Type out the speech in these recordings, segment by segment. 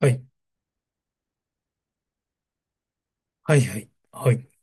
はい、はい、はい、はい、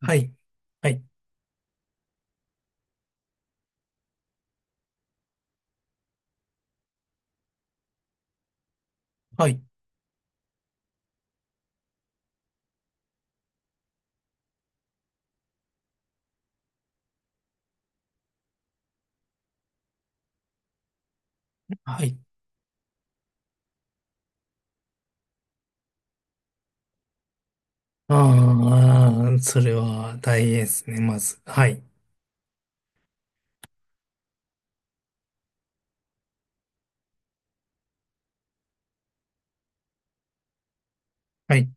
はい、はい、はい、はい。ああ、それは大変ですね、まず。はい、はい、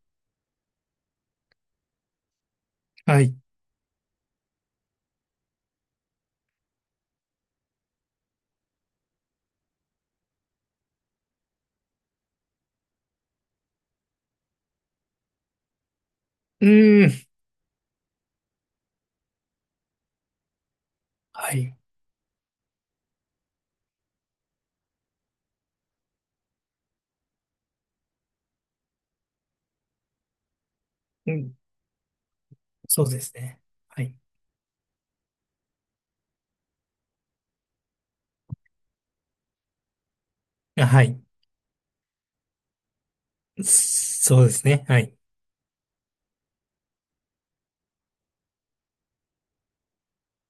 はい。うーん、はい、うん、そうですね。はい、あはい、そうですね。はい。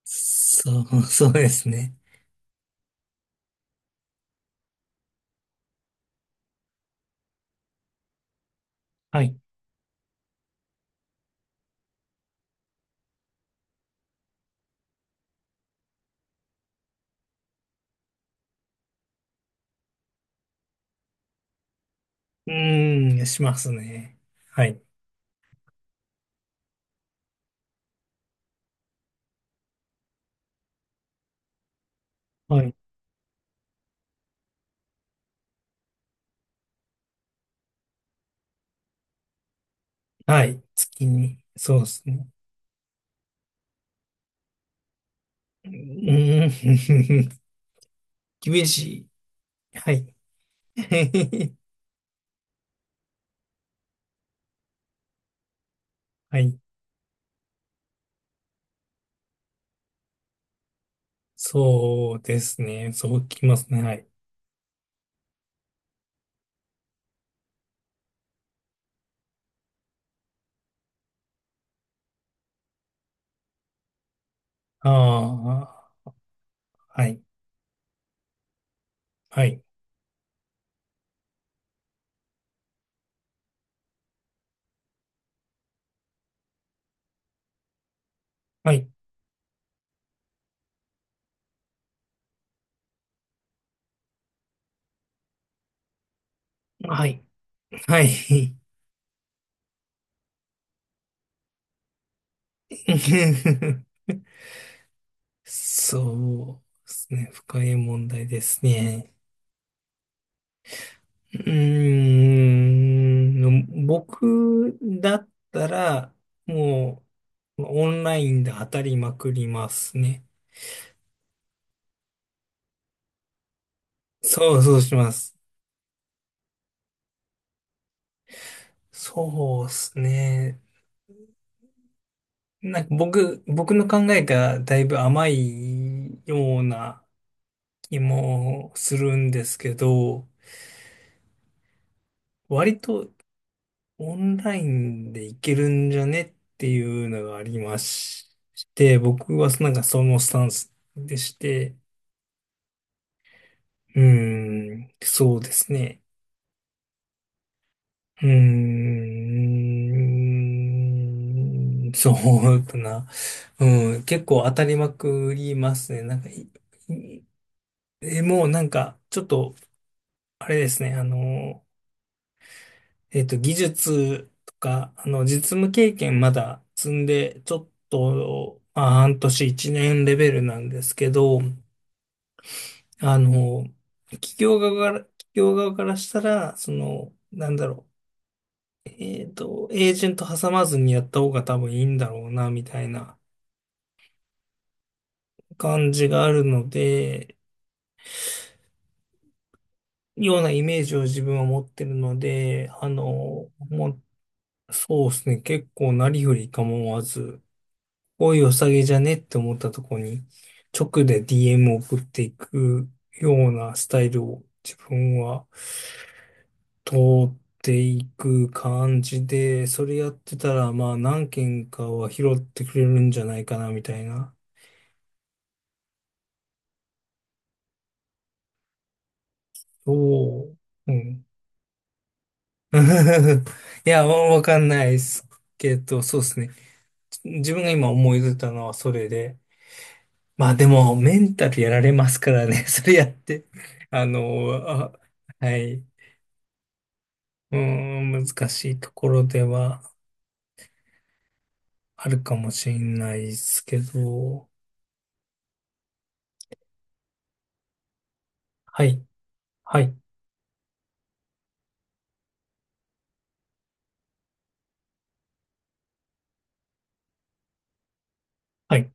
そう、そうですね。はい。うーん、しますね。はい、はい、はい。月に、そうですね。うーん、厳しい。はい。はい。そうですね。そうきますね。はい。ああ、はい。はい。はい。はい。はい。そうですね。深い問題ですね。うーん。僕だったら、もう、オンラインで当たりまくりますね。そうそうします。そうですね。なんか僕の考えがだいぶ甘いような気もするんですけど、割とオンラインでいけるんじゃねっていうのがありまして、僕はなんかそのスタンスでして、うーん、そうですね。うーん、そうだな。うん、結構当たりまくりますね。なんかい、いえもうなんか、ちょっと、あれですね、あの、えっと、技術とか、あの、実務経験まだ積んで、ちょっと、まあ、半年一年レベルなんですけど、あの、企業側からしたら、その、なんだろう、えっと、エージェント挟まずにやった方が多分いいんだろうな、みたいな感じがあるので、ようなイメージを自分は持ってるので、あの、もう、そうですね、結構なりふり構わず、おい、おさげじゃねって思ったとこに、直で DM を送っていくようなスタイルを自分は通っていく感じで、それやってたら、まあ何件かは拾ってくれるんじゃないかな、みたいな。おう。うん。いや、わわかんないですけど、そうですね。自分が今思い出たのはそれで。まあでも、メンタルやられますからね、それやって。あの、あ、はい。うーん、難しいところではあるかもしれないですけど、はい、はい、はい、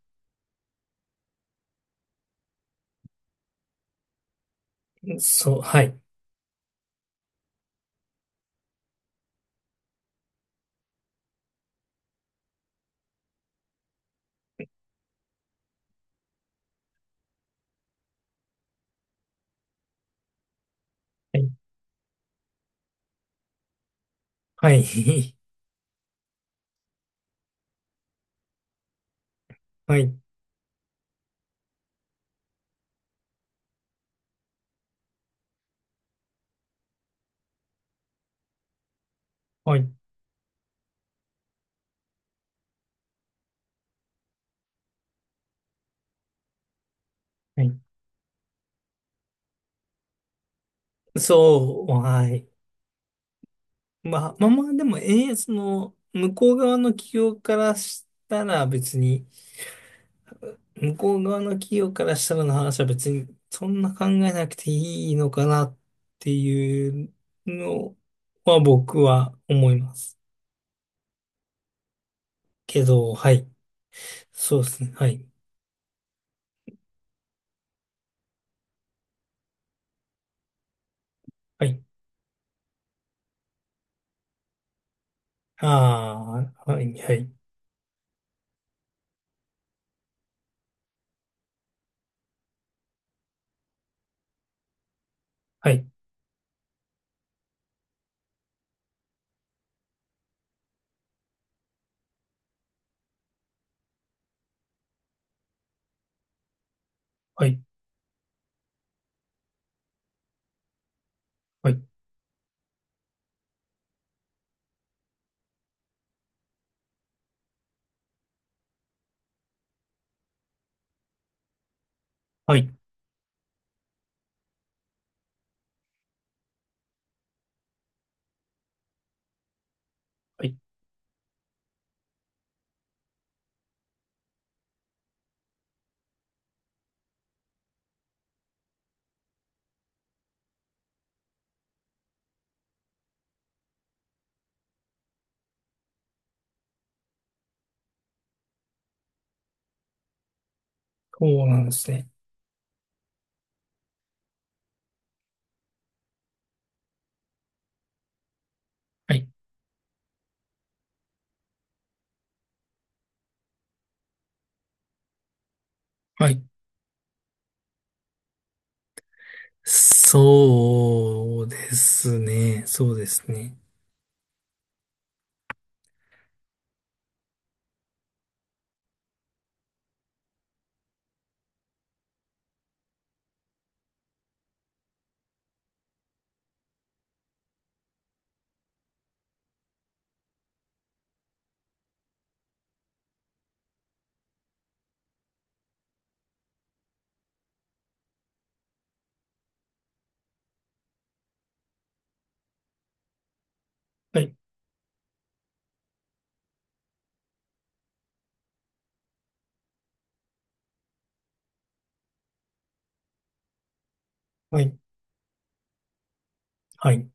そう、はい、はい、はい、はい、はい、はい、そう、はい。まあ、まあまあ、でも、ええ、その、向こう側の企業からしたらの話は別に、そんな考えなくていいのかなっていうのは僕は思いますけど、はい、そうですね、はい。はい。ああ、はい、はい、はい、はい、はい、はい、はい。そうなんですね。はい、はい。そうですね。そうですね。はい、はい、はい、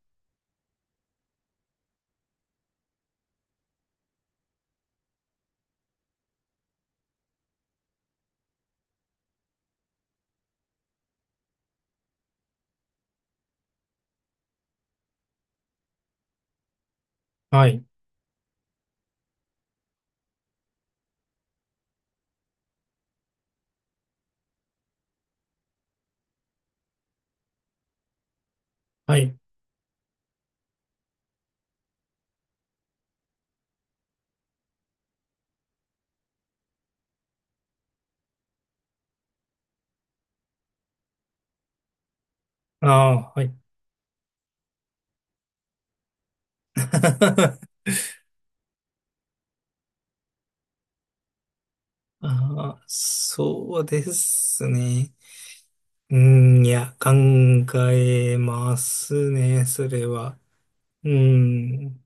はい、はい。ああ、はい。ああ、そうですね。うん、いや、考えますね、それは。うん、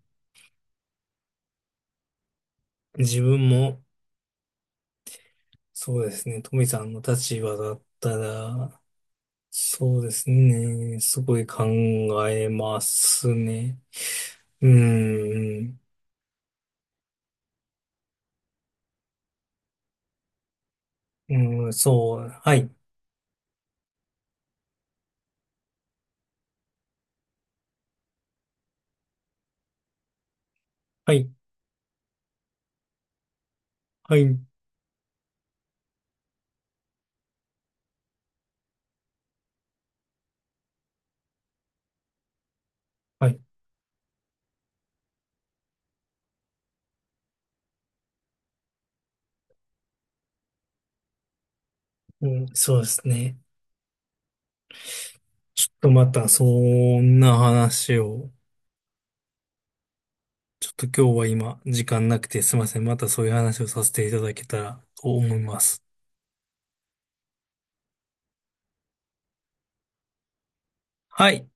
自分も、そうですね、富さんの立場だったら、そうですね。すごい考えますね。うーん。うん、そう。はい。はい。はい。はい。うん、そうですね。ちょっとまた、そんな話を、ちょっと今日は今、時間なくてすいません。またそういう話をさせていただけたらと思います。はい。